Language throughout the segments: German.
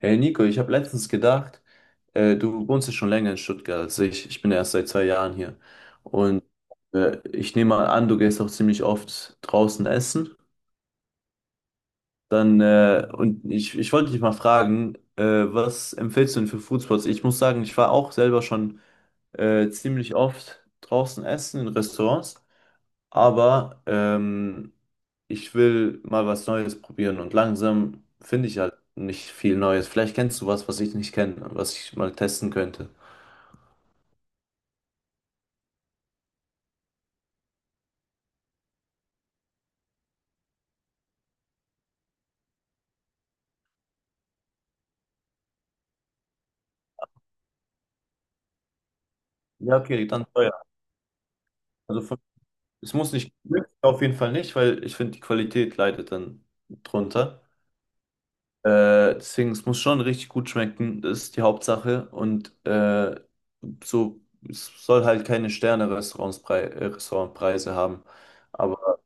Hey Nico, ich habe letztens gedacht, du wohnst ja schon länger in Stuttgart als ich. Ich bin ja erst seit 2 Jahren hier. Und ich nehme mal an, du gehst auch ziemlich oft draußen essen. Und ich wollte dich mal fragen, was empfiehlst du denn für Foodspots? Ich muss sagen, ich war auch selber schon ziemlich oft draußen essen in Restaurants. Aber ich will mal was Neues probieren und langsam finde ich halt nicht viel Neues. Vielleicht kennst du was, was ich nicht kenne, was ich mal testen könnte. Ja, okay, dann teuer. Also es muss nicht, auf jeden Fall nicht, weil ich finde, die Qualität leidet dann drunter. Deswegen, es muss schon richtig gut schmecken, das ist die Hauptsache. Und so, es soll halt keine Sterne-Restaurantspreise Restaurantpreise haben. Aber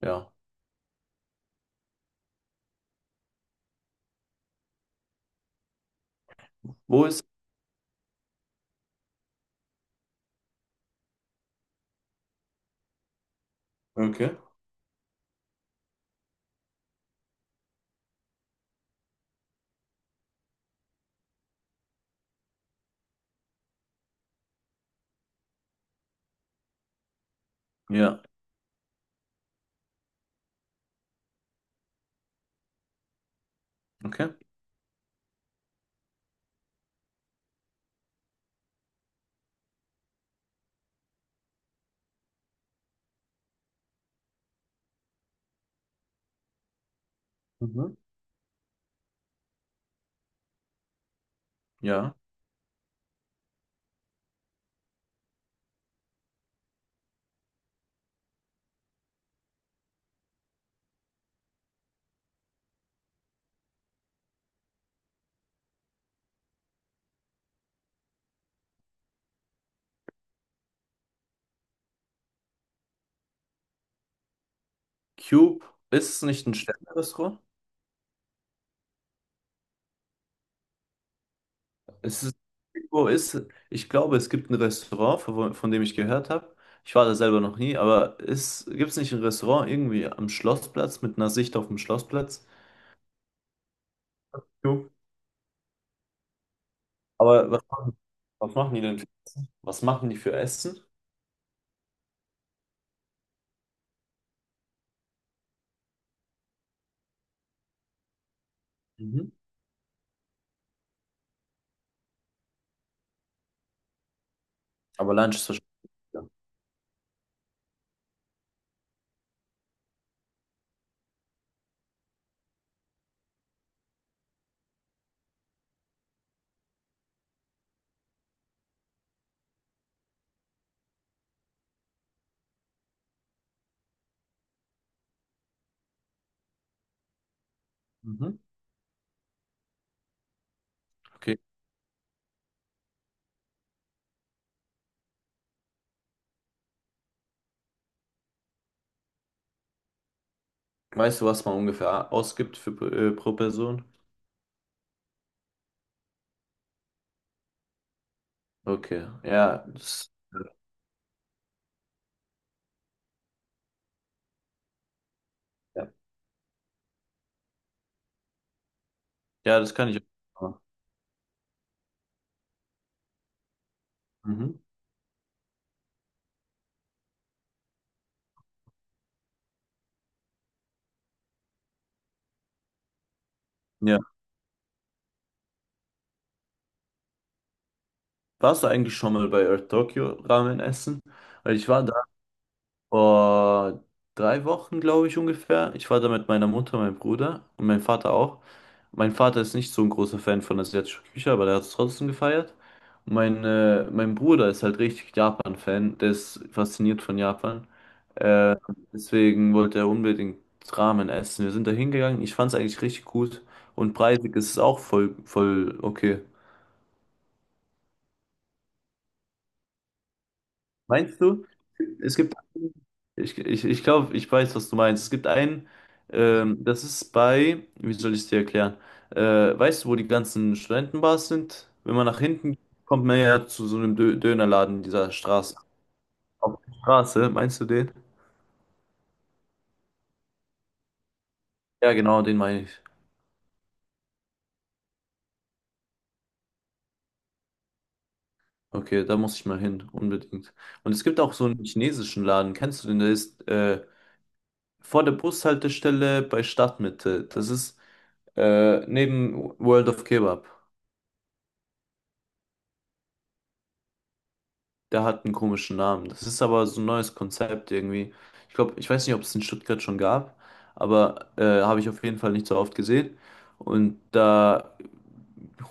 ja, wo ist? Okay. Ja, okay. Mhm. Ja. Cube, ist es nicht ein Sterne-Restaurant? Ist es, ist, wo ist, Ich glaube, es gibt ein Restaurant, von dem ich gehört habe. Ich war da selber noch nie, aber gibt es nicht ein Restaurant irgendwie am Schlossplatz mit einer Sicht auf den Schlossplatz? Cube. Aber was machen die denn? Was machen die für Essen? Mhm. Aber Lunch ist wahrscheinlich. Ja. Mhm. Okay. Weißt du, was man ungefähr ausgibt für, pro Person? Okay. Ja, ja. Ja, das kann ich auch machen. Mhm. Ja. Warst du eigentlich schon mal bei Earth Tokyo Ramen essen? Weil ich war da vor 3 Wochen, glaube ich, ungefähr. Ich war da mit meiner Mutter, meinem Bruder und meinem Vater auch. Mein Vater ist nicht so ein großer Fan von asiatischer Küche, aber der hat es trotzdem gefeiert. Und mein Bruder ist halt richtig Japan-Fan. Der ist fasziniert von Japan. Deswegen wollte er unbedingt Ramen essen. Wir sind da hingegangen. Ich fand es eigentlich richtig gut. Und preisig ist es auch voll, voll okay. Meinst du? Es gibt, ich glaube, ich weiß, was du meinst. Es gibt einen, das ist bei, Wie soll ich es dir erklären? Äh, Weißt du, wo die ganzen Studentenbars sind? Wenn man nach hinten geht, kommt man ja zu so einem Dö Dönerladen dieser Straße. Auf der Straße, meinst du den? Ja, genau, den meine ich. Okay, da muss ich mal hin, unbedingt. Und es gibt auch so einen chinesischen Laden, kennst du den? Der ist vor der Bushaltestelle bei Stadtmitte. Das ist neben World of Kebab. Der hat einen komischen Namen. Das ist aber so ein neues Konzept irgendwie. Ich glaube, ich weiß nicht, ob es in Stuttgart schon gab, aber habe ich auf jeden Fall nicht so oft gesehen. Und da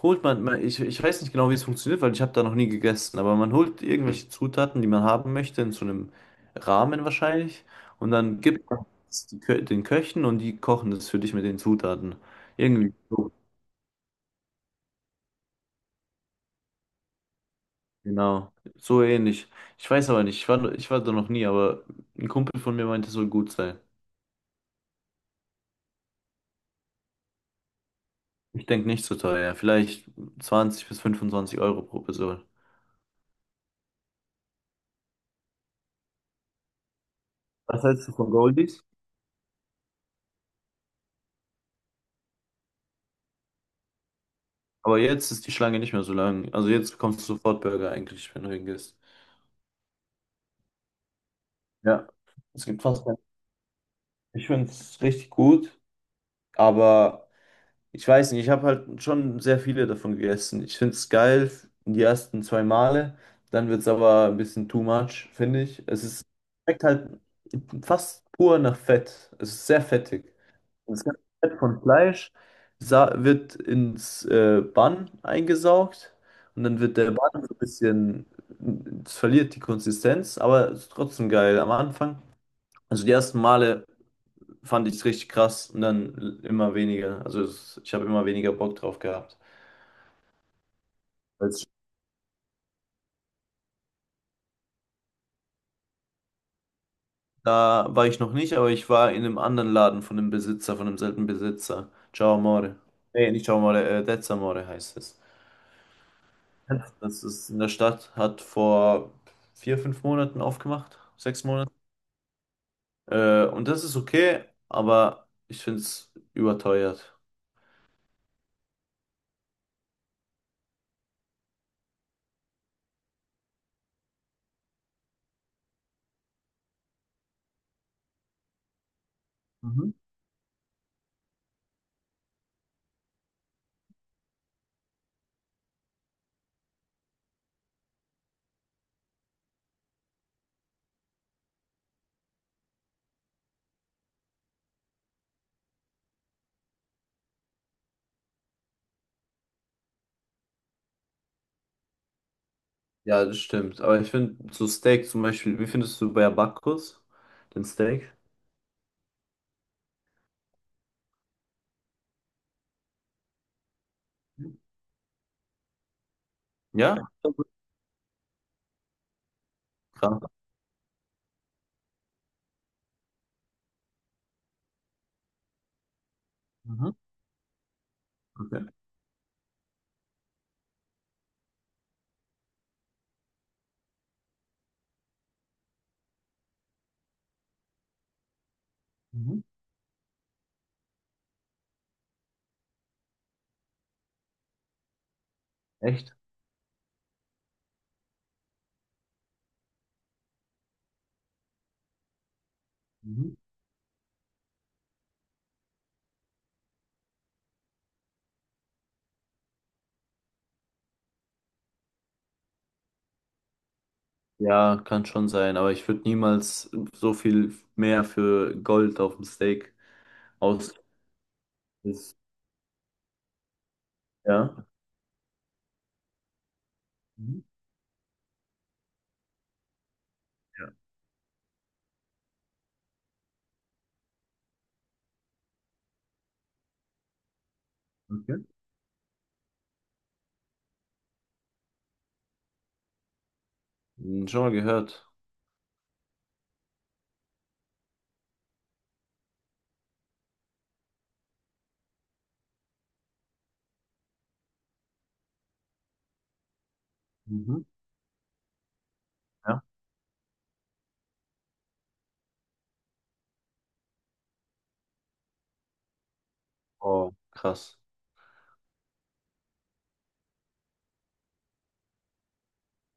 ich weiß nicht genau, wie es funktioniert, weil ich habe da noch nie gegessen, aber man holt irgendwelche Zutaten, die man haben möchte, in so einem Rahmen wahrscheinlich. Und dann gibt man es den Köchen und die kochen das für dich mit den Zutaten. Irgendwie so. Genau, so ähnlich. Ich weiß aber nicht, ich war da noch nie, aber ein Kumpel von mir meinte, es soll gut sein. Ich denke nicht so teuer, ja, vielleicht 20 bis 25 Euro pro Person. Was hältst du von Goldies? Aber jetzt ist die Schlange nicht mehr so lang. Also jetzt bekommst du sofort Burger eigentlich, wenn du hingehst. Ja, es gibt fast keine. Ich finde es richtig gut, aber ich weiß nicht, ich habe halt schon sehr viele davon gegessen. Ich finde es geil die ersten zwei Male, dann wird es aber ein bisschen too much, finde ich. Schmeckt halt fast pur nach Fett. Es ist sehr fettig. Das ganze Fett von Fleisch wird ins Bun eingesaugt und dann wird der Bun so ein bisschen, es verliert die Konsistenz, aber es ist trotzdem geil am Anfang. Also die ersten Male fand ich es richtig krass und dann immer weniger. Ich habe immer weniger Bock drauf gehabt. Als, Da war ich noch nicht, aber ich war in einem anderen Laden von einem Besitzer, von einem selben Besitzer. Ciao Amore. Nee, nicht Ciao Amore, Dez Amore heißt es. Das ist in der Stadt, hat vor 4, 5 Monaten aufgemacht, 6 Monate. Und das ist okay, aber ich finde es überteuert. Mhm. Ja, das stimmt. Aber ich finde so Steak zum Beispiel, wie findest du bei Bacchus den Steak? Ja, krass. Mhm. Okay. Mhm. Echt? Mhm. Ja, kann schon sein, aber ich würde niemals so viel mehr für Gold auf dem Steak aus. ist- Ja. Mhm. Ja. Okay. Hm, schon mal gehört. Mhm. Ja. Oh, krass.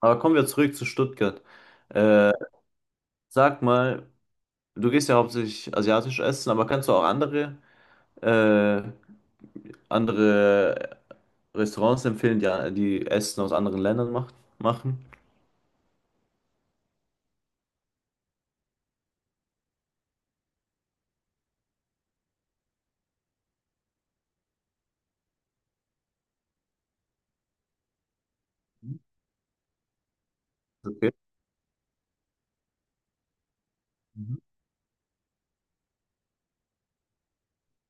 Aber kommen wir zurück zu Stuttgart. Äh, Sag mal, du gehst ja hauptsächlich asiatisch essen, aber kannst du auch andere, äh, andere Restaurants empfehlen, die Essen aus anderen Ländern machen? Mhm. Okay.